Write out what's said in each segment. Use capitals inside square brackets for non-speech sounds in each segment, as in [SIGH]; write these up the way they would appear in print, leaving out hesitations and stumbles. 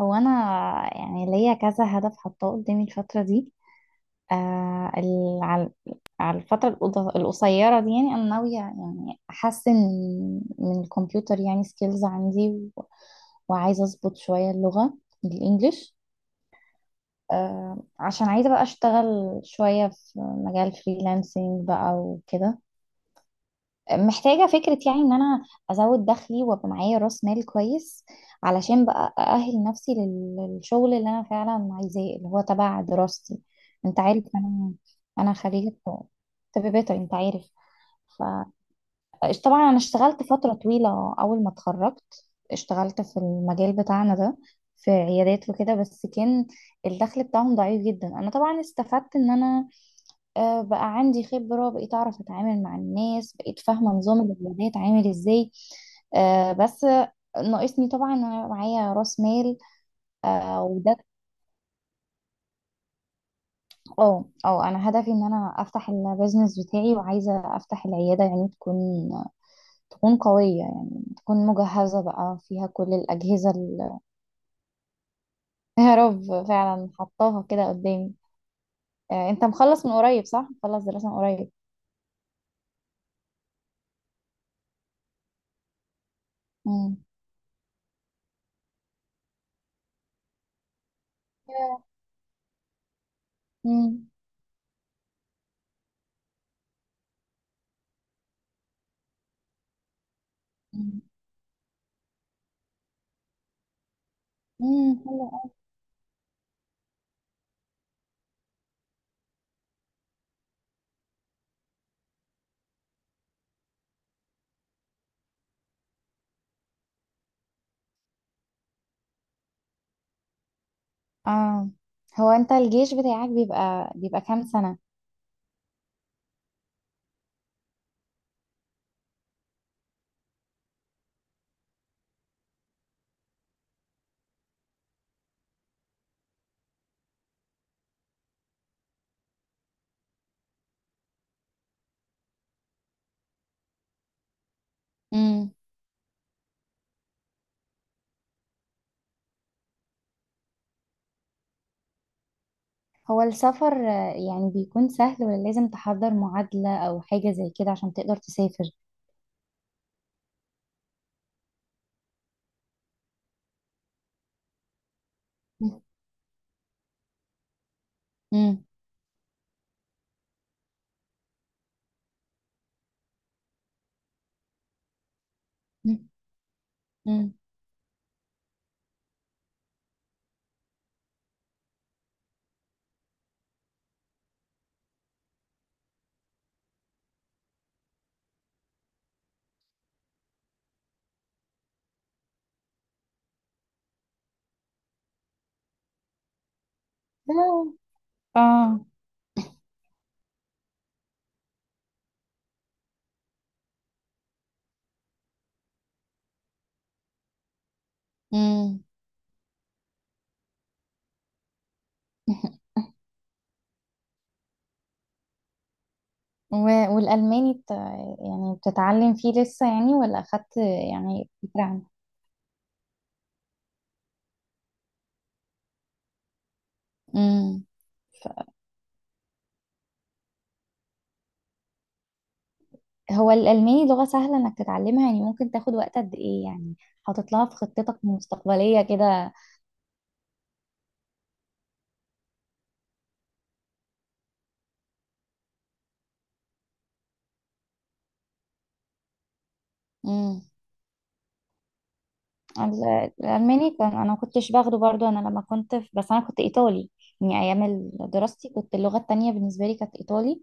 هو انا يعني ليا كذا هدف حاطاه قدامي الفتره دي. آه ال- على على الفتره القصيره دي، يعني انا ناويه يعني احسن من الكمبيوتر يعني سكيلز عندي، و- وعايزه اظبط شويه اللغه الانجليش. عشان عايزه بقى اشتغل شويه في مجال فريلانسنج بقى وكده، محتاجة فكرة يعني ان انا ازود دخلي وابقى معايا راس مال كويس، علشان بقى اأهل نفسي للشغل اللي انا فعلا عايزاه، اللي هو تبع دراستي. انت عارف، انا خريجة طب بيطري، انت عارف. ف طبعا انا اشتغلت فترة طويلة اول ما اتخرجت، اشتغلت في المجال بتاعنا ده، في عيادات وكده، بس كان الدخل بتاعهم ضعيف جدا. انا طبعا استفدت ان انا بقى عندي خبرة، بقيت أعرف أتعامل مع الناس، بقيت فاهمة نظام العيادات عامل إزاي. بس ناقصني طبعا إن أنا معايا رأس مال. آه، وده اه، اه، أنا هدفي إن أنا أفتح البيزنس بتاعي، وعايزة أفتح العيادة يعني تكون قوية يعني، تكون مجهزة بقى فيها كل الأجهزة [LAUGHS] يا رب فعلا حطاها كده قدامي. أنت مخلص من قريب صح؟ مخلص دراسة من قريب؟ مم. مم. مم. مم. اه، هو انت الجيش بتاعك بيبقى كام سنة؟ امم. هو السفر يعني بيكون سهل، ولا لازم تحضر معادلة او حاجة زي كده عشان تقدر تسافر؟ امم. مم. امم. اه. امم. [LAUGHS] والألماني يعني بتتعلم فيه لسه يعني، ولا أخدت يعني فكرة عنه؟ امم. هو الألماني لغة سهلة إنك تتعلمها؟ يعني ممكن تاخد وقت قد إيه يعني، حاطط لها في خطتك المستقبلية كده؟ الألماني كان، أنا ما كنتش باخده برضو، أنا لما كنت في، بس أنا كنت إيطالي. يعني أيام دراستي كنت، اللغة التانية بالنسبة لي كانت إيطالي.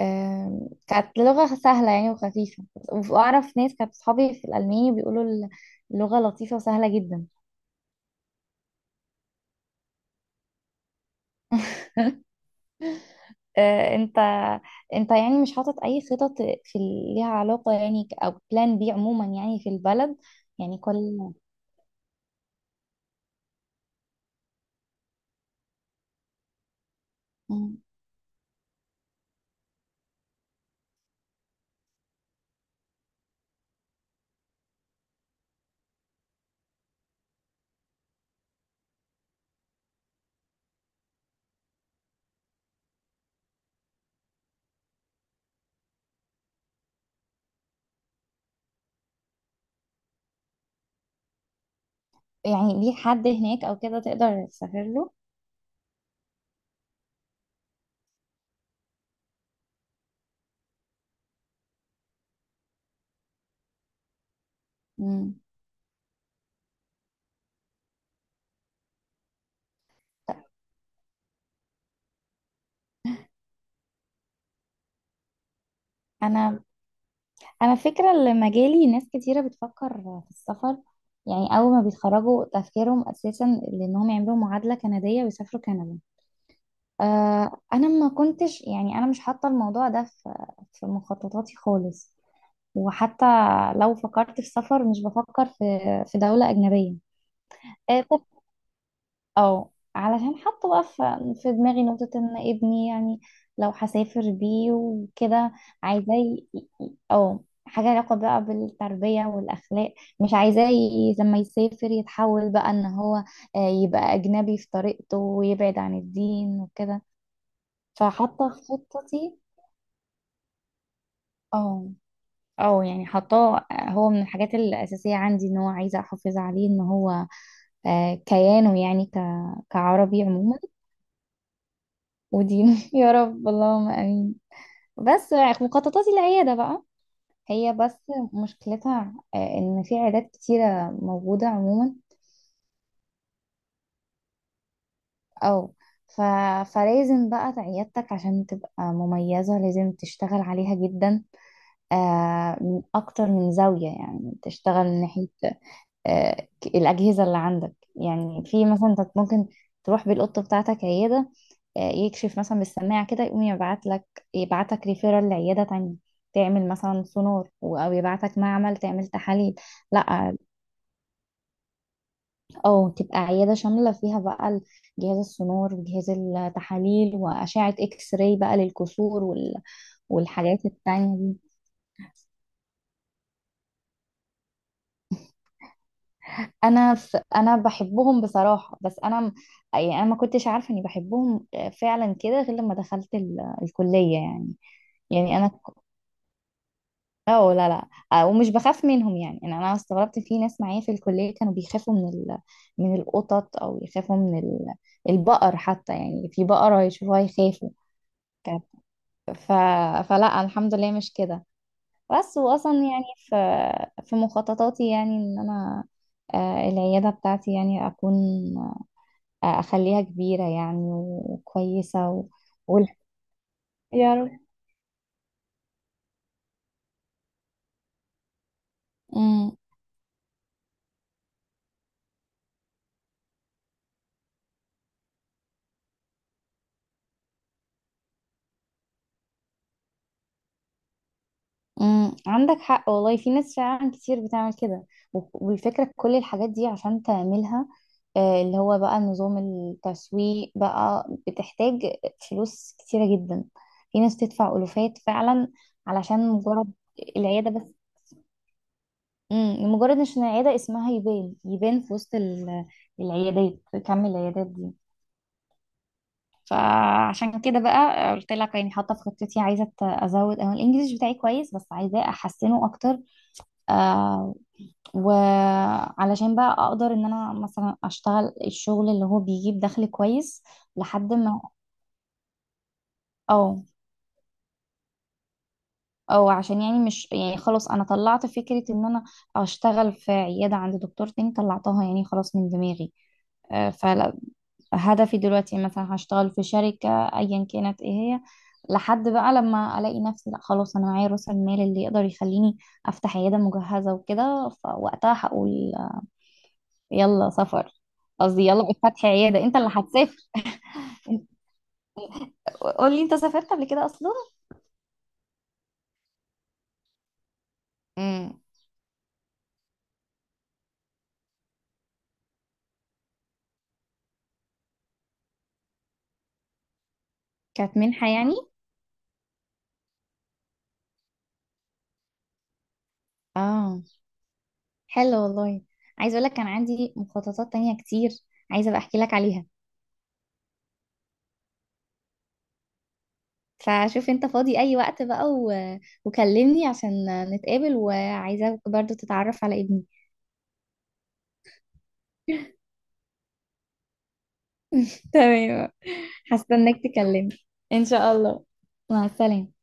كانت لغة سهلة يعني وخفيفة، وأعرف ناس كانت صحابي في الألماني بيقولوا اللغة لطيفة وسهلة جدا. [LAUGHS] آه، أنت أنت يعني مش حاطط أي خطط في ليها علاقة يعني، أو بلان بي عموما يعني في البلد؟ يعني كل. مم. يعني ليك حد هناك أو كده تقدر تسافر له؟ مم. أنا فكرة اللي مجالي ناس كتيرة بتفكر في السفر، يعني اول ما بيتخرجوا تفكيرهم اساسا، لانهم يعملوا معادلة كندية ويسافروا كندا. انا ما كنتش يعني، انا مش حاطة الموضوع ده في في مخططاتي خالص. وحتى لو فكرت في سفر مش بفكر في دولة اجنبية. آه، اه، علشان حاطه بقى في دماغي نقطة ان ابني يعني، لو هسافر بيه وكده، عايزاه اه، حاجة علاقة بقى بالتربية والأخلاق. مش عايزاه لما يسافر يتحول بقى ان هو يبقى أجنبي في طريقته ويبعد عن الدين وكده، فحاطة في خطتي. اه، اه، يعني حاطاه هو من الحاجات الأساسية عندي، ان هو عايزة أحافظ عليه ان هو كيانه يعني كعربي عموما، ودين. [LAUGHS] يا رب، اللهم امين. بس مخططاتي العياده بقى، هي بس مشكلتها ان في عيادات كتيره موجوده عموما. او ف... فلازم بقى عيادتك عشان تبقى مميزه لازم تشتغل عليها جدا، من اكتر من زاويه، يعني تشتغل من ناحيه آه، الأجهزة اللي عندك. يعني في مثلا انت ممكن تروح بالقطة بتاعتك عيادة يكشف مثلا بالسماعة كده، يقوم يبعت لك ريفيرال لعيادة تانية تعمل مثلا سونار، أو يبعتك معمل تعمل تحاليل. لا، أو تبقى عيادة شاملة فيها بقى جهاز السونار وجهاز التحاليل وأشعة إكس راي بقى للكسور، والحاجات التانية دي. انا انا بحبهم بصراحه، بس انا يعني انا ما كنتش عارفه اني بحبهم فعلا كده، غير لما دخلت الكليه يعني. يعني انا، اه، لا، لا، ومش بخاف منهم. يعني انا استغربت في ناس معايا في الكليه كانوا بيخافوا من من القطط، او يخافوا من البقر حتى، يعني في بقره يشوفوها يخافوا. كانت- ف... فلا الحمد لله مش كده. بس واصلا يعني في مخططاتي يعني ان انا العياده بتاعتي يعني اكون اخليها كبيرة يعني وكويسة وال- يا رب. امم. امم. عندك حق والله، في ناس فعلا كتير بتعمل كده. والفكرة كل الحاجات دي عشان تعملها اللي هو بقى نظام التسويق بقى، بتحتاج فلوس كتيرة جدا. في ناس تدفع ألوفات فعلا، علشان مجرد العيادة بس. امم، لمجرد عشان العيادة اسمها يبان يبان في وسط العيادات، كم العيادات دي. فعشان كده بقى، قلت لك يعني حاطه في خطتي، عايزه ازود او الانجليش بتاعي كويس، بس عايزاه احسنه اكتر. آه وعلشان بقى اقدر ان انا مثلا اشتغل الشغل اللي هو بيجيب دخل كويس لحد ما، او او عشان يعني، مش يعني خلاص انا طلعت فكره ان انا اشتغل في عياده عند دكتور تاني، طلعتها يعني خلاص من دماغي. فلا، هدفي دلوقتي مثلا هشتغل في شركة ايا كانت ايه هي، لحد بقى لما الاقي نفسي، لا خلاص انا معايا راس المال اللي يقدر يخليني افتح عيادة مجهزة وكده، فوقتها هقول يلا سفر. قصدي يلا فتح عيادة، انت اللي هتسافر. انت، قول لي انت سافرت قبل كده اصلا؟ امم. كانت منحة يعني؟ اه، حلو والله. عايزة اقول لك كان عندي مخططات تانية كتير، عايزة ابقى احكي لك عليها. فشوف انت فاضي اي وقت بقى، وكلمني عشان نتقابل، وعايزاك برضو تتعرف على ابني. تمام، هستناك تكلمني، ان شاء الله، مع السلامة.